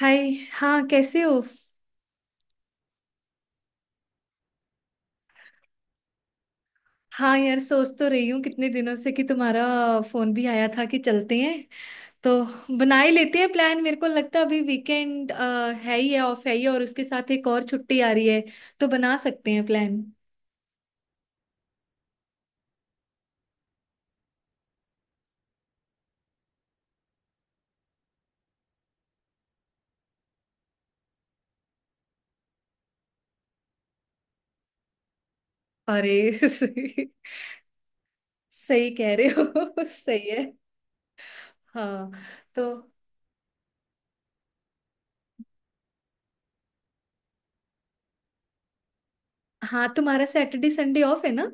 हाय, हाँ, कैसे हो। हाँ यार, सोच तो रही हूँ कितने दिनों से कि तुम्हारा फोन भी आया था कि चलते हैं। तो बना ही लेते हैं प्लान। मेरे को लगता है अभी वीकेंड है ही है, ऑफ है ही है, और उसके साथ एक और छुट्टी आ रही है, तो बना सकते हैं प्लान। अरे सही। सही कह रहे हो सही है। हाँ। तो हाँ, तुम्हारा सैटरडे संडे ऑफ है ना।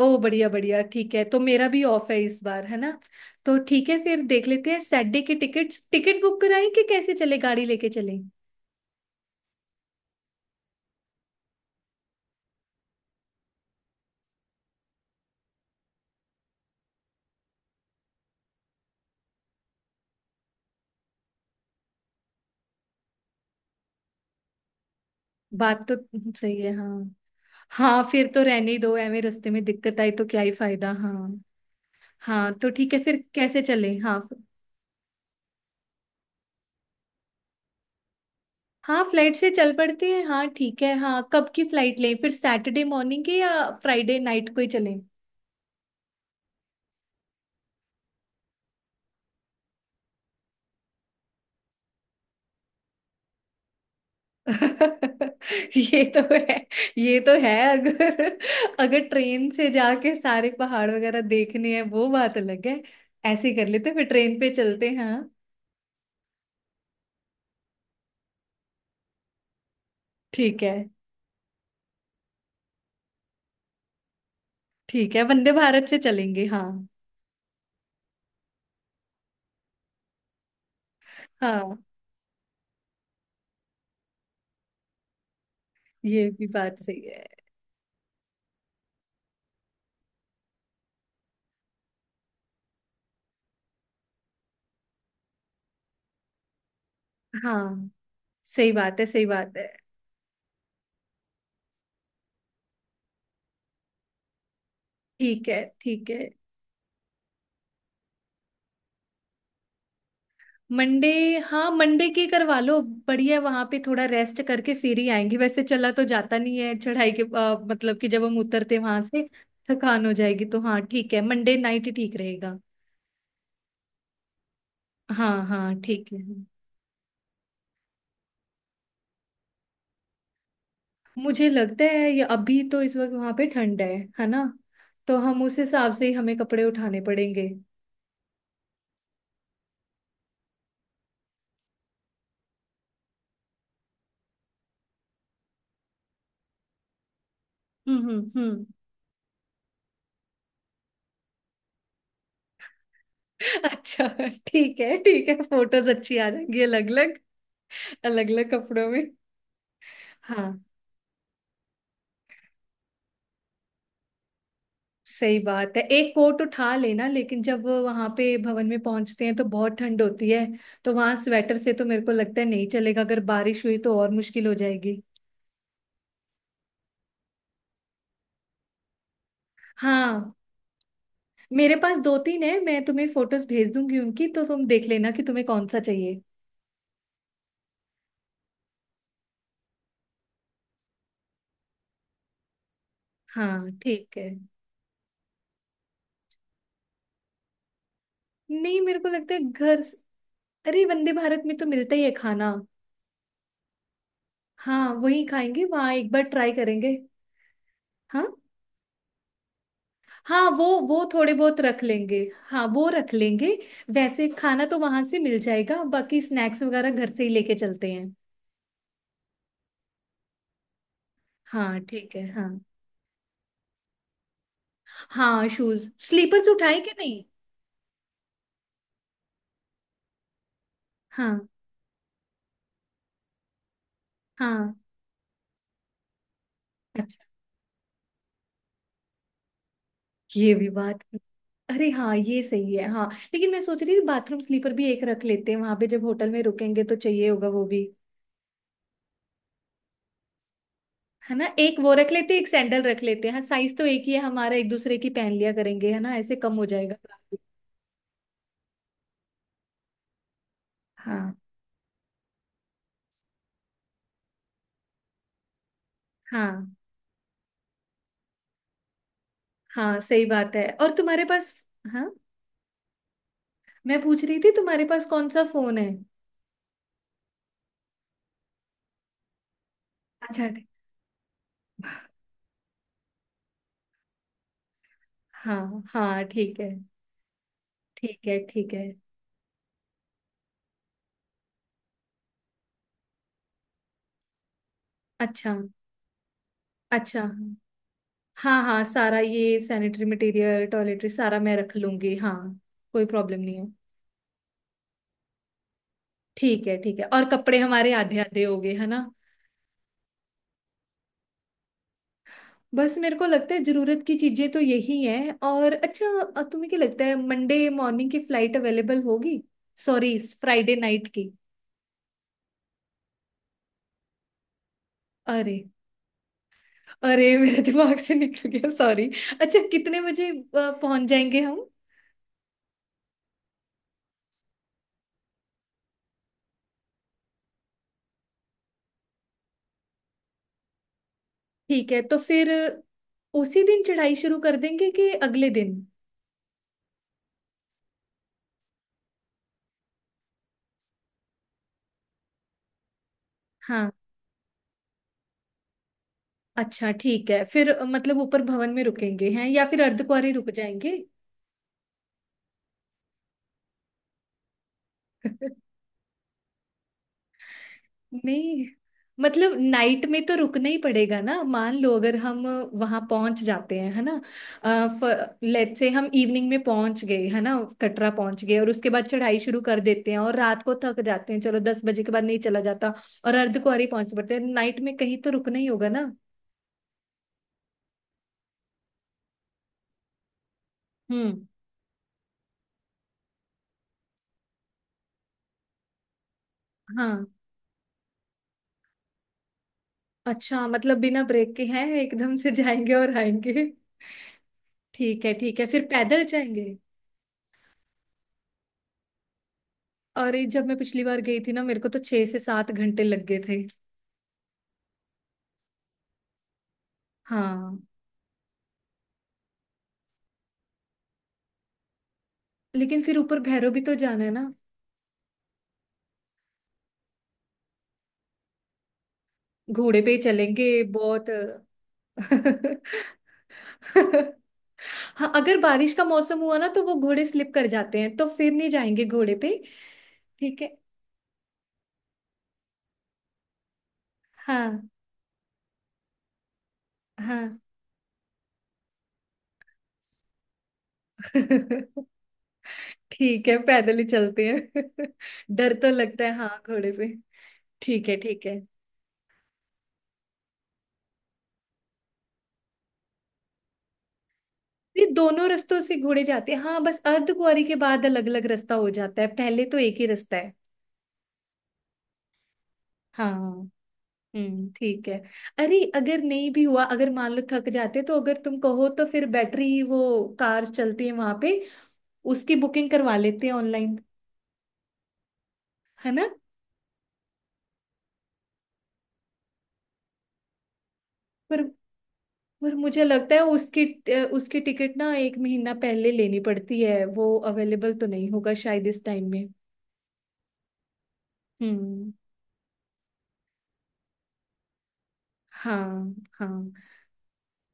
ओ, बढ़िया बढ़िया, ठीक है। तो मेरा भी ऑफ है इस बार, है ना। तो ठीक है, फिर देख लेते हैं सैटरडे की टिकट्स। टिकट बुक कराएं कि कैसे चले, गाड़ी लेके चलें। बात तो सही है, हाँ। हाँ, फिर तो रहने ही दो, एਵੇਂ रास्ते में दिक्कत आई तो क्या ही फायदा। हाँ। हाँ तो ठीक है, फिर कैसे चलें। हाँ हाँ फ्लाइट से चल पड़ते हैं। हाँ ठीक है। हाँ कब की फ्लाइट लें फिर, सैटरडे मॉर्निंग के या फ्राइडे नाइट को ही चलें। ये तो है। ये तो है। अगर अगर ट्रेन से जाके सारे पहाड़ वगैरह देखने हैं, वो बात अलग है। ऐसे ही कर लेते हैं, फिर ट्रेन पे चलते हैं, हाँ। ठीक है ठीक है, वंदे भारत से चलेंगे, हाँ। हाँ, ये भी बात सही है। हाँ, सही बात है। सही बात है। ठीक है ठीक है। मंडे। हाँ, मंडे की करवा लो। बढ़िया, वहां पे थोड़ा रेस्ट करके फिर ही आएंगे। वैसे चला तो जाता नहीं है चढ़ाई के, मतलब कि जब हम उतरते वहां से, थकान हो जाएगी। तो हाँ, ठीक है, मंडे नाइट ही ठीक रहेगा। हाँ हाँ ठीक है। मुझे लगता है ये अभी तो, इस वक्त वहां पे ठंड है ना। तो हम उस हिसाब से ही, हमें कपड़े उठाने पड़ेंगे। हम्म। अच्छा, ठीक है ठीक है, फोटोज अच्छी आ जाएंगी अलग अलग। अलग अलग कपड़ों में। हाँ, सही बात है। एक कोट उठा लेना, लेकिन जब वहां पे भवन में पहुंचते हैं तो बहुत ठंड होती है। तो वहां स्वेटर से तो मेरे को लगता है नहीं चलेगा। अगर बारिश हुई तो और मुश्किल हो जाएगी। हाँ, मेरे पास दो तीन है, मैं तुम्हें फोटोज भेज दूंगी उनकी, तो तुम देख लेना कि तुम्हें कौन सा चाहिए। हाँ ठीक है। नहीं, मेरे को लगता है घर। अरे, वंदे भारत में तो मिलता ही है खाना। हाँ, वही खाएंगे। वहां एक बार ट्राई करेंगे। हाँ, हाँ वो थोड़े बहुत रख लेंगे। हाँ वो रख लेंगे। वैसे खाना तो वहां से मिल जाएगा, बाकी स्नैक्स वगैरह घर से ही लेके चलते हैं। हाँ ठीक है, हाँ। हाँ, शूज स्लीपर्स उठाए कि नहीं। हाँ हाँ। अच्छा, ये भी बात की। अरे हाँ, ये सही है, हाँ। लेकिन मैं सोच रही थी बाथरूम स्लीपर भी एक रख लेते हैं, वहां पे जब होटल में रुकेंगे तो चाहिए होगा वो भी। है ना, एक वो रख लेते हैं, एक सैंडल रख लेते हैं। हाँ, साइज तो एक ही है हमारा, एक दूसरे की पहन लिया करेंगे, है ना, ऐसे कम हो जाएगा। हाँ हाँ। हाँ, सही बात है। और तुम्हारे पास, हाँ, मैं पूछ रही थी, तुम्हारे पास कौन सा फोन है। अच्छा हाँ हाँ ठीक है। ठीक है ठीक है। अच्छा। अच्छा, हाँ हाँ, सारा ये सैनिटरी मटेरियल, टॉयलेटरी सारा मैं रख लूंगी, हाँ। कोई प्रॉब्लम नहीं है। ठीक है ठीक है, और कपड़े हमारे आधे आधे हो गए, है ना। बस मेरे को लगता है जरूरत की चीजें तो यही है। और अच्छा, तुम्हें क्या लगता है मंडे मॉर्निंग की फ्लाइट अवेलेबल होगी। सॉरी, फ्राइडे नाइट की। अरे अरे, मेरे दिमाग से निकल गया, सॉरी। अच्छा, कितने बजे पहुंच जाएंगे हम। ठीक है, तो फिर उसी दिन चढ़ाई शुरू कर देंगे कि अगले दिन। हाँ, अच्छा ठीक है। फिर मतलब ऊपर भवन में रुकेंगे हैं या फिर अर्धकुंवारी रुक जाएंगे। नहीं, मतलब नाइट में तो रुकना ही पड़ेगा ना। मान लो अगर हम वहां पहुंच जाते हैं, है ना। लेट से हम इवनिंग में पहुंच गए, है ना। कटरा पहुंच गए और उसके बाद चढ़ाई शुरू कर देते हैं और रात को थक जाते हैं, चलो 10 बजे के बाद नहीं चला जाता। और अर्धकुंवारी पहुंच पड़ते हैं नाइट में, कहीं तो रुकना ही होगा ना। हम्म, हाँ। अच्छा, मतलब बिना ब्रेक के हैं, एकदम से जाएंगे और आएंगे। ठीक है ठीक है, फिर पैदल जाएंगे। और ये, जब मैं पिछली बार गई थी ना, मेरे को तो 6 से 7 घंटे लग गए थे। हाँ, लेकिन फिर ऊपर भैरव भी तो जाना है ना। घोड़े पे ही चलेंगे बहुत हाँ, अगर बारिश का मौसम हुआ ना तो वो घोड़े स्लिप कर जाते हैं, तो फिर नहीं जाएंगे घोड़े पे। ठीक है, हाँ हाँ। ठीक है, पैदल ही चलते हैं। डर तो लगता है हाँ, घोड़े पे। ठीक है ठीक है। ये दोनों रास्तों से घोड़े जाते हैं हाँ, बस अर्धकुंवारी के बाद अलग अलग रास्ता हो जाता है, पहले तो एक ही रास्ता है। हाँ। हम्म, ठीक है। अरे, अगर नहीं भी हुआ, अगर मान लो थक जाते, तो अगर तुम कहो तो फिर बैटरी वो कार चलती है वहां पे, उसकी बुकिंग करवा लेते हैं ऑनलाइन। है ना। पर पर मुझे लगता है उसकी, उसकी टिकट ना एक महीना पहले लेनी पड़ती है, वो अवेलेबल तो नहीं होगा शायद इस टाइम में। हम्म। हाँ हाँ,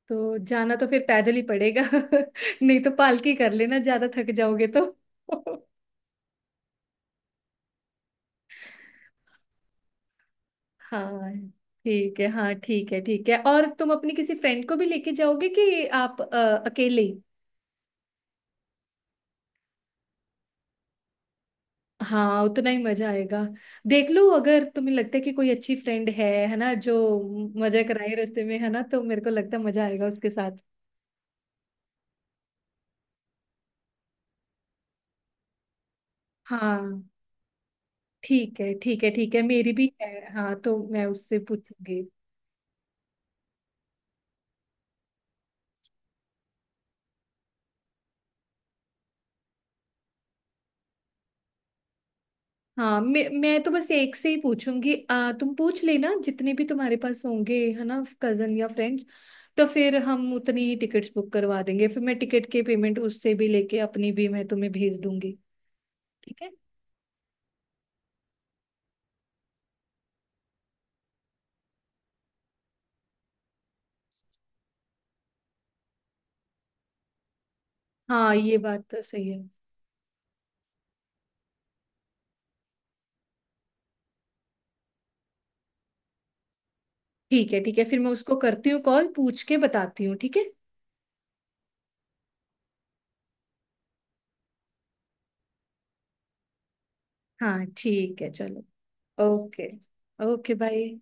तो जाना तो फिर पैदल ही पड़ेगा नहीं तो पालकी कर लेना, ज्यादा थक जाओगे तो हाँ ठीक है, हाँ ठीक है ठीक है। और तुम अपनी किसी फ्रेंड को भी लेके जाओगे कि आप अकेले ही। हाँ, उतना ही मजा आएगा। देख लो, अगर तुम्हें लगता है कि कोई अच्छी फ्रेंड है ना, जो मजा कराए रास्ते में, है ना, तो मेरे को लगता है मजा आएगा उसके साथ। हाँ। ठीक है ठीक है ठीक है, मेरी भी है हाँ, तो मैं उससे पूछूंगी। हाँ, मैं तो बस एक से ही पूछूंगी। तुम पूछ लेना जितने भी तुम्हारे पास होंगे, है ना, कजन या फ्रेंड्स। तो फिर हम उतनी ही टिकट्स बुक करवा देंगे, फिर मैं टिकट की पेमेंट उससे भी लेके, अपनी भी मैं तुम्हें भेज दूंगी। ठीक है। हाँ, ये बात तो सही है। ठीक है ठीक है, फिर मैं उसको करती हूँ कॉल, पूछ के बताती हूँ, ठीक है। हाँ ठीक है, चलो। ओके। Okay bye.